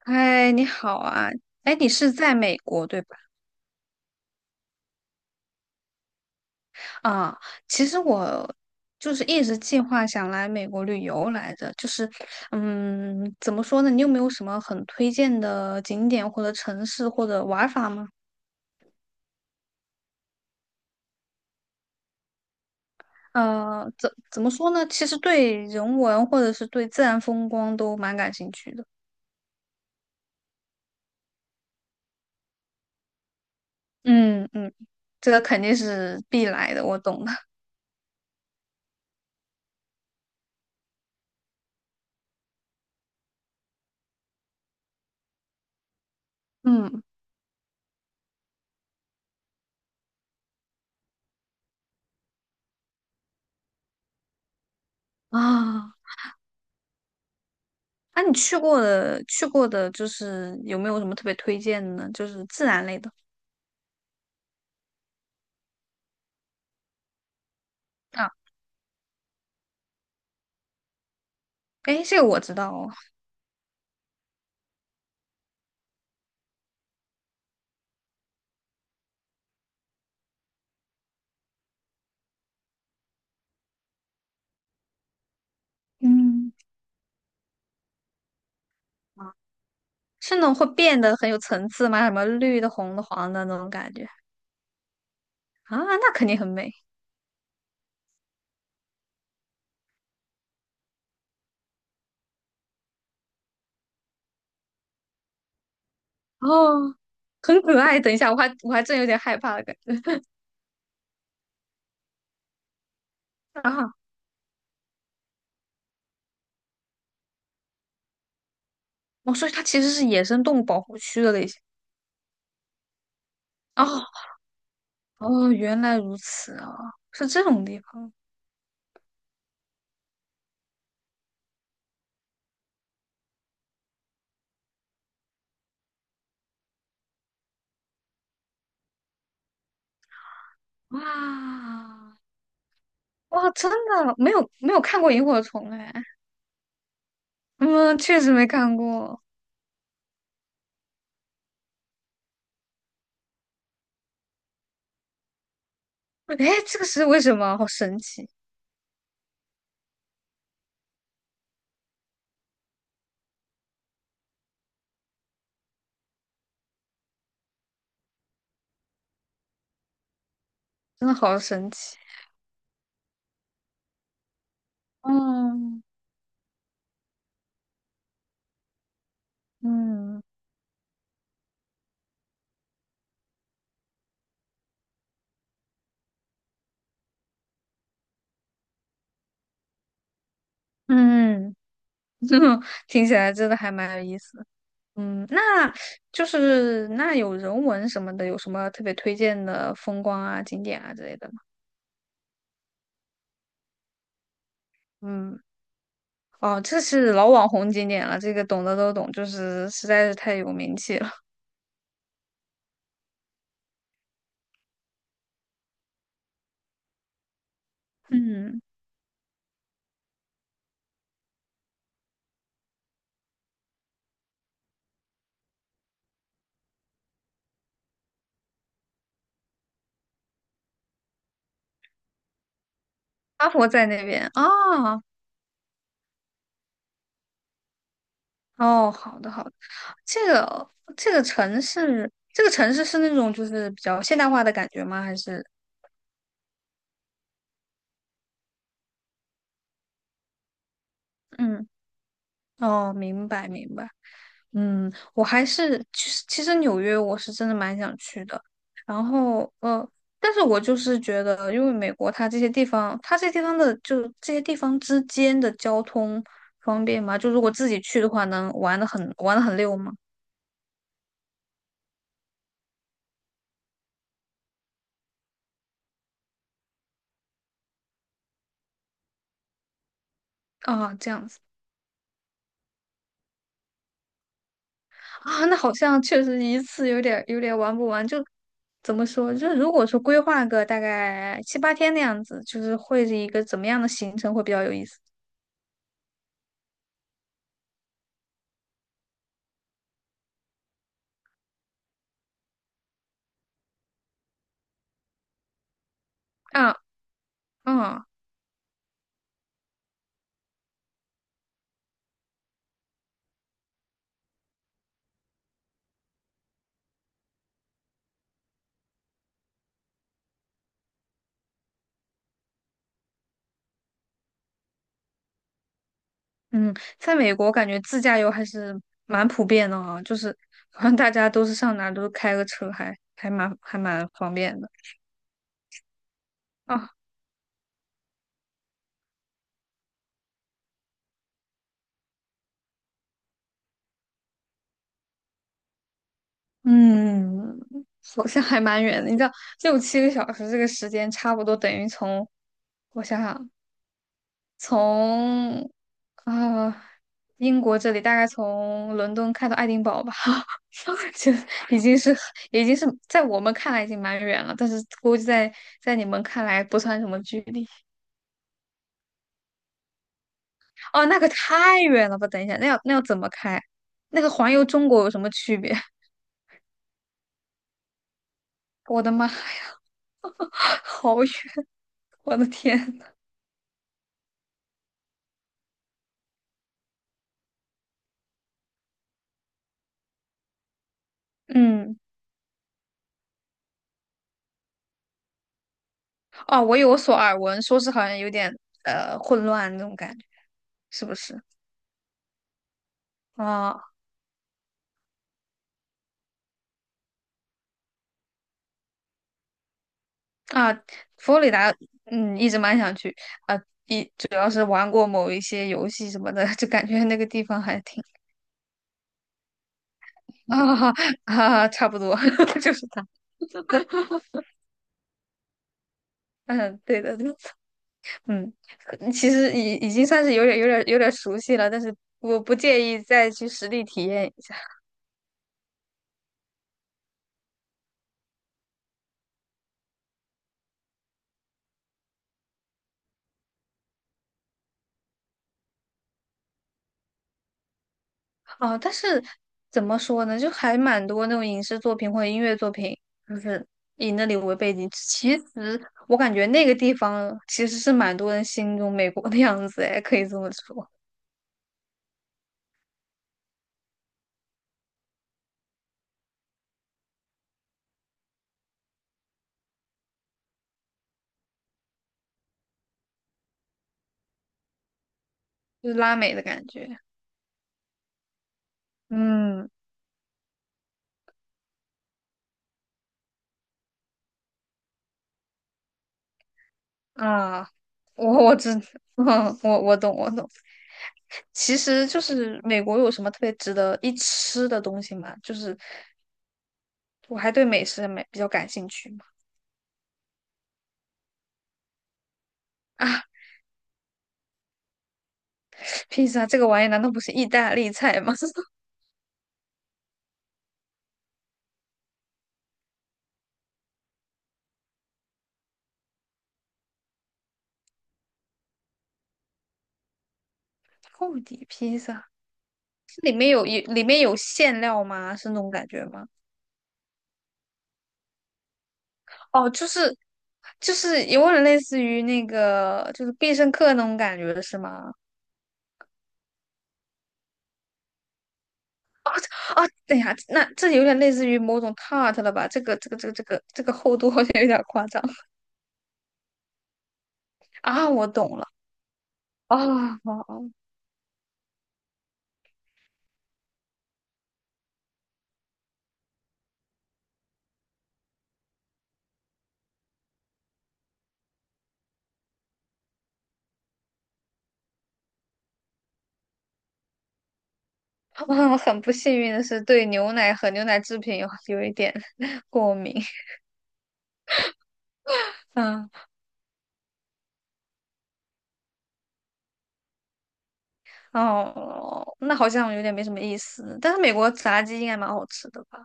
嗨，你好啊！哎，你是在美国对吧？啊，其实我就是一直计划想来美国旅游来着，就是，怎么说呢？你有没有什么很推荐的景点或者城市或者玩法吗？呃，怎么说呢？其实对人文或者是对自然风光都蛮感兴趣的。嗯嗯，这个肯定是必来的，我懂的。嗯啊。啊，你去过的，就是有没有什么特别推荐的呢？就是自然类的啊，哎，这个我知道哦，嗯，啊，是那种会变得很有层次吗？什么绿的、红的、黄的那种感觉啊，那肯定很美。哦，很可爱。等一下，我还真有点害怕的感觉啊。哦，所以它其实是野生动物保护区的类型。哦哦，原来如此啊，是这种地方。哇。哇，真的没有看过萤火虫哎。嗯，确实没看过。哎，这个是为什么？好神奇，真的好神奇。嗯嗯嗯，听起来真的还蛮有意思的。嗯，那就是那有人文什么的，有什么特别推荐的风光啊、景点啊之类的吗？嗯。哦，这是老网红景点了，这个懂的都懂，就是实在是太有名气了。嗯，阿婆在那边啊，哦哦，好的好的，这个这个城市，这个城市是那种就是比较现代化的感觉吗？还是嗯，哦，明白明白，嗯，我还是其实纽约我是真的蛮想去的，然后但是我就是觉得，因为美国它这些地方，它这些地方的就这些地方之间的交通方便吗？就如果自己去的话，能玩的很玩的很溜吗？啊，这样子。啊，那好像确实一次有点玩不完，就怎么说？就是如果说规划个大概七八天那样子，就是会是一个怎么样的行程会比较有意思？啊啊嗯，在美国感觉自驾游还是蛮普遍的啊，就是好像大家都是上哪儿都是开个车，还蛮方便的啊。嗯，好像还蛮远的，你知道六七个小时这个时间差不多等于从我想想。从呃英国这里大概从伦敦开到爱丁堡吧，就已经是已经是在我们看来已经蛮远了，但是估计在你们看来不算什么距离。哦，那个太远了吧？等一下，那要怎么开？那个环游中国有什么区别？我的妈呀，好远！我的天，嗯，哦，我有所耳闻，说是好像有点呃混乱那种感觉，是不是？啊、啊，佛罗里达，嗯，一直蛮想去啊，一主要是玩过某一些游戏什么的，就感觉那个地方还挺 啊哈，差不多 就是它。嗯，对的，对的。嗯，其实已经算是有点熟悉了，但是我不介意再去实地体验一下。哦，但是怎么说呢，就还蛮多那种影视作品或者音乐作品，就是以那里为背景。其实我感觉那个地方其实是蛮多人心中美国的样子，哎，可以这么说，就是拉美的感觉。嗯啊，我我知，嗯，我懂我懂。其实就是美国有什么特别值得一吃的东西吗？就是我还对美食美比较感兴趣嘛。啊，披萨这个玩意难道不是意大利菜吗？厚底披萨。里面有里面有馅料吗？是那种感觉吗？哦，就是有点类似于那个就是必胜客那种感觉是吗？啊，等一下，那这有点类似于某种 tart 了吧？这个厚度好像有点夸张啊！我懂了。啊哦哦，我很不幸运的是，对牛奶和牛奶制品有一点 过敏。嗯，哦，那好像有点没什么意思。但是美国炸鸡应该蛮好吃的吧？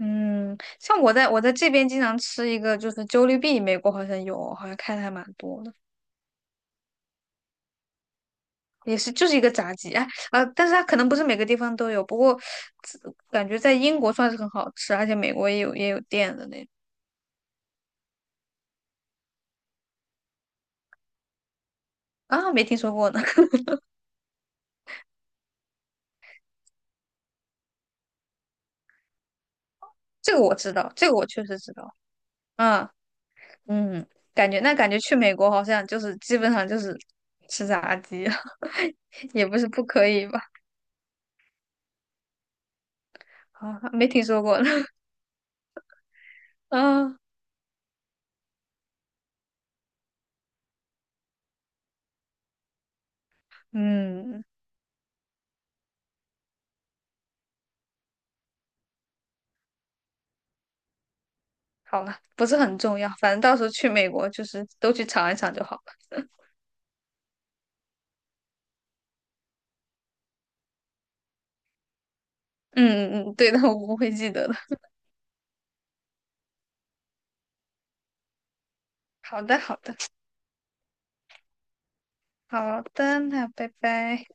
嗯，像我在这边经常吃一个，就是 JLLBE 币，美国好像有，好像开的还蛮多的，也是就是一个炸鸡，哎啊，但是它可能不是每个地方都有，不过自感觉在英国算是很好吃，而且美国也有店的那种啊，没听说过呢，这个我知道，这个我确实知道，啊嗯。感觉去美国好像就是基本上就是吃炸鸡，也不是不可以吧，啊，没听说过呢，啊嗯。好了，不是很重要，反正到时候去美国就是都去尝一尝就好了。嗯嗯嗯，对的，我不会记得的。好的，好的，好的，那拜拜。